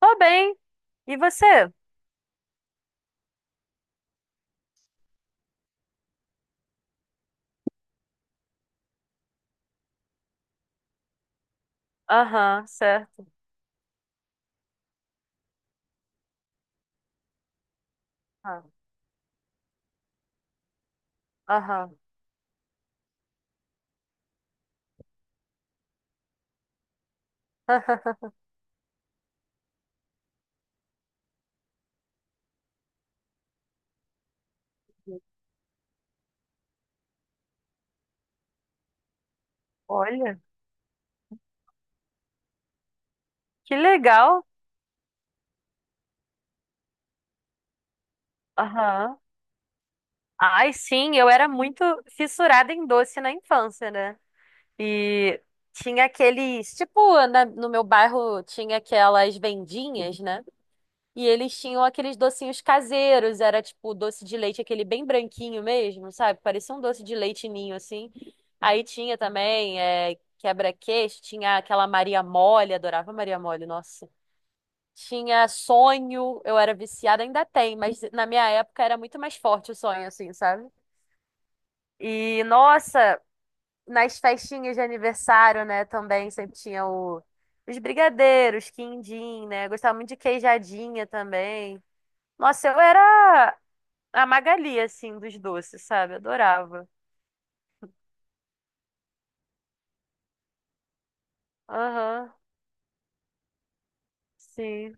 Tô bem. E você? Aham, certo. Ah, aham. Olha, que legal. Aham. Ai, sim, eu era muito fissurada em doce na infância, né? E tinha aqueles, tipo, no meu bairro tinha aquelas vendinhas, né? E eles tinham aqueles docinhos caseiros, era tipo doce de leite, aquele bem branquinho mesmo, sabe? Parecia um doce de leite ninho, assim. Aí tinha também quebra-queixo, tinha aquela Maria Mole, adorava Maria Mole, nossa. Tinha sonho, eu era viciada, ainda tem, mas na minha época era muito mais forte o sonho, assim, sabe? E, nossa, nas festinhas de aniversário, né, também sempre tinha os brigadeiros, quindim, né? Eu gostava muito de queijadinha também. Nossa, eu era a Magali, assim, dos doces, sabe? Adorava. Aham, sim.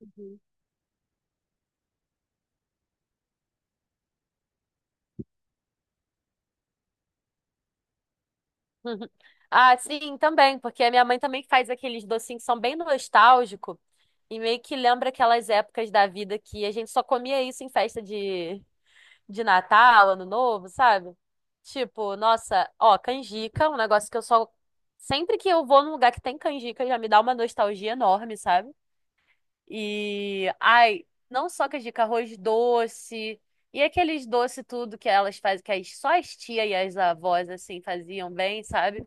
Uhum. Ah, sim, também, porque a minha mãe também faz aqueles docinhos que são bem nostálgicos e meio que lembra aquelas épocas da vida que a gente só comia isso em festa de Natal, Ano Novo, sabe? Tipo, nossa, ó, canjica, é um negócio que eu só. Sempre que eu vou num lugar que tem canjica, já me dá uma nostalgia enorme, sabe? E, ai, não só que é dica, arroz doce. E aqueles doce tudo que elas fazem, que as, só as tias e as avós, assim, faziam bem, sabe?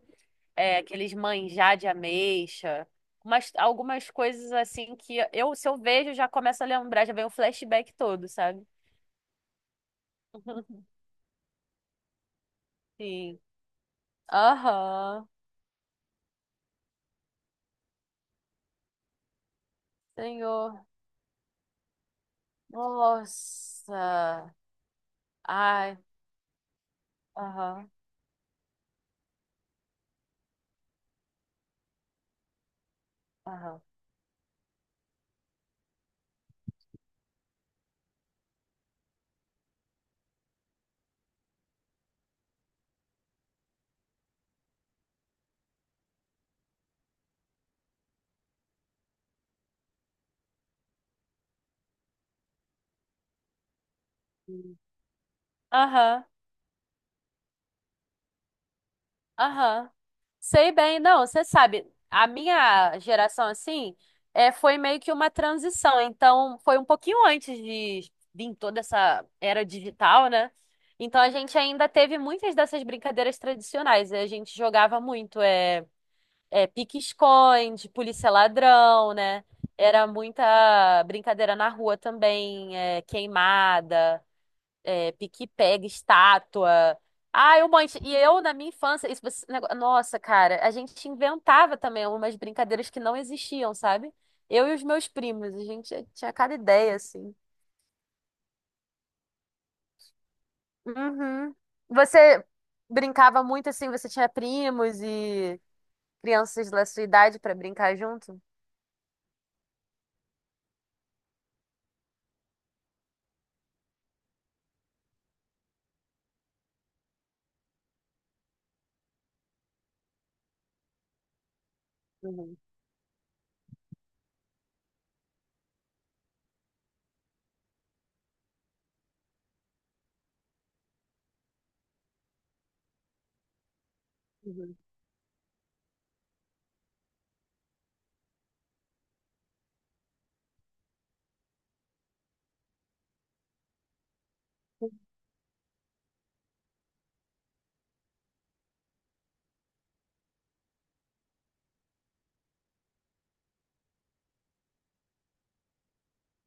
É, aqueles manjar de ameixa. Mas algumas coisas, assim, que eu, se eu vejo, já começo a lembrar, já vem o flashback todo, sabe? Sim. Aham. Senhor. Nossa. Ai. Aham. Aham. Aham. Aham. Sei bem, não, você sabe, a minha geração, assim, é, foi meio que uma transição, então foi um pouquinho antes de vir toda essa era digital, né? Então a gente ainda teve muitas dessas brincadeiras tradicionais, né? A gente jogava muito, é pique-esconde, polícia ladrão, né? Era muita brincadeira na rua também, é, queimada, é, pique-pega, estátua. Ah, eu monte. E eu, na minha infância, isso, nossa, cara, a gente inventava também umas brincadeiras que não existiam, sabe? Eu e os meus primos, a gente tinha cada ideia, assim. Uhum. Você brincava muito assim, você tinha primos e crianças da sua idade pra brincar junto? Uhum. Uhum.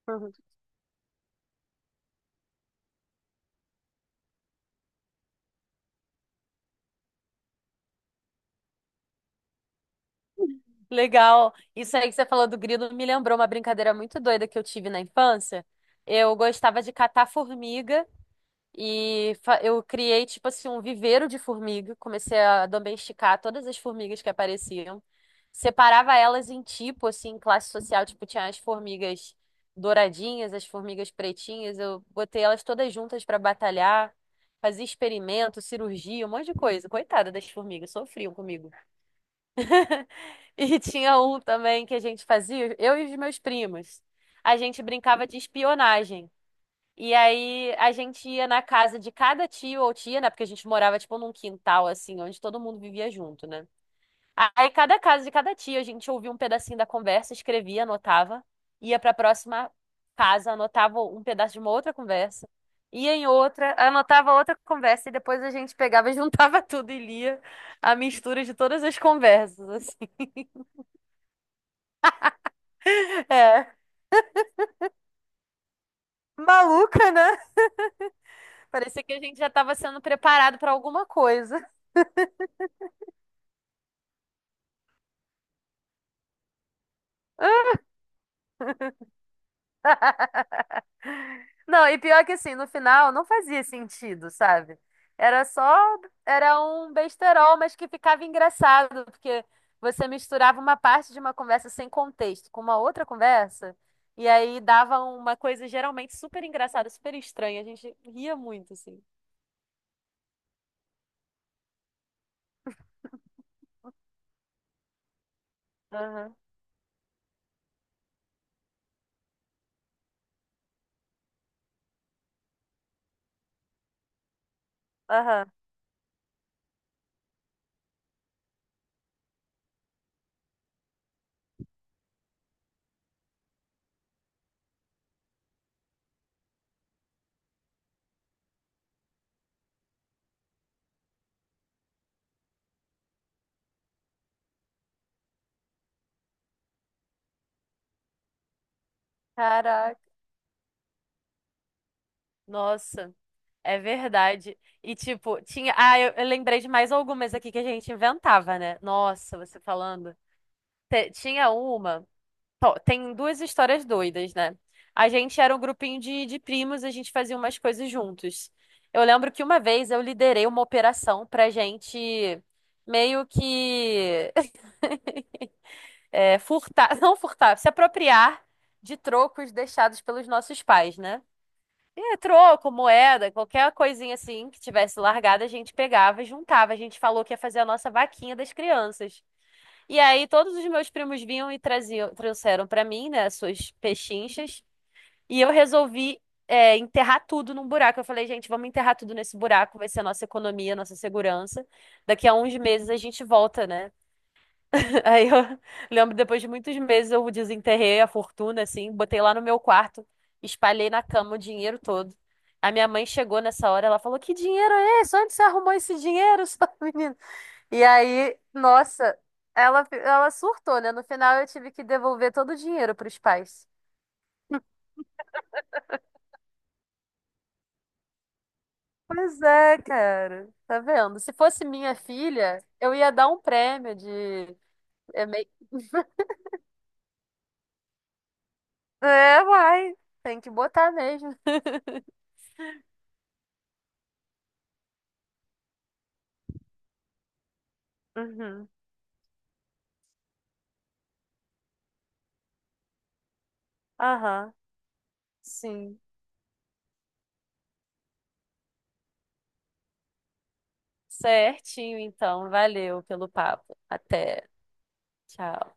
Uhum. Legal. Isso aí que você falou do grilo me lembrou uma brincadeira muito doida que eu tive na infância. Eu gostava de catar formiga. Eu criei, tipo assim, um viveiro de formiga. Comecei a domesticar todas as formigas que apareciam. Separava elas em tipo, assim, classe social. Tipo, tinha as formigas douradinhas, as formigas pretinhas. Eu botei elas todas juntas para batalhar. Fazia experimento, cirurgia, um monte de coisa. Coitada das formigas, sofriam comigo. E tinha um também que a gente fazia, eu e os meus primos. A gente brincava de espionagem. E aí a gente ia na casa de cada tio ou tia, né? Porque a gente morava tipo num quintal assim, onde todo mundo vivia junto, né? Aí cada casa de cada tia a gente ouvia um pedacinho da conversa, escrevia, anotava, ia pra próxima casa, anotava um pedaço de uma outra conversa, ia em outra, anotava outra conversa e depois a gente pegava, e juntava tudo e lia a mistura de todas as conversas, assim. É. Maluca, né? Parecia que a gente já estava sendo preparado pra alguma coisa. Não, e pior que assim, no final não fazia sentido, sabe? Era só, era um besterol, mas que ficava engraçado, porque você misturava uma parte de uma conversa sem contexto com uma outra conversa, e aí dava uma coisa geralmente super engraçada, super estranha. A gente ria muito, assim. Aham, aham. Caraca. Nossa, é verdade. E tipo, tinha. Ah, eu lembrei de mais algumas aqui que a gente inventava, né? Nossa, você falando. Tinha uma. Tem duas histórias doidas, né? A gente era um grupinho de primos, a gente fazia umas coisas juntos. Eu lembro que uma vez eu liderei uma operação pra gente meio que é, furtar, não furtar, se apropriar de trocos deixados pelos nossos pais, né? E é troco, moeda, qualquer coisinha assim que tivesse largada, a gente pegava e juntava. A gente falou que ia fazer a nossa vaquinha das crianças. E aí todos os meus primos vinham e traziam, trouxeram para mim, né, as suas pechinchas. E eu resolvi, é, enterrar tudo num buraco. Eu falei, gente, vamos enterrar tudo nesse buraco, vai ser a nossa economia, a nossa segurança. Daqui a uns meses a gente volta, né? Aí eu lembro, depois de muitos meses, eu desenterrei a fortuna, assim, botei lá no meu quarto, espalhei na cama o dinheiro todo. A minha mãe chegou nessa hora, ela falou: Que dinheiro é esse? Onde você arrumou esse dinheiro, sua menina? E aí, nossa, ela surtou, né? No final eu tive que devolver todo o dinheiro para os pais. Pois é, cara. Tá vendo? Se fosse minha filha, eu ia dar um prêmio de. É, é, vai. Tem que botar mesmo. Uhum. Aham. Sim. Certinho, então. Valeu pelo papo. Até. Tchau.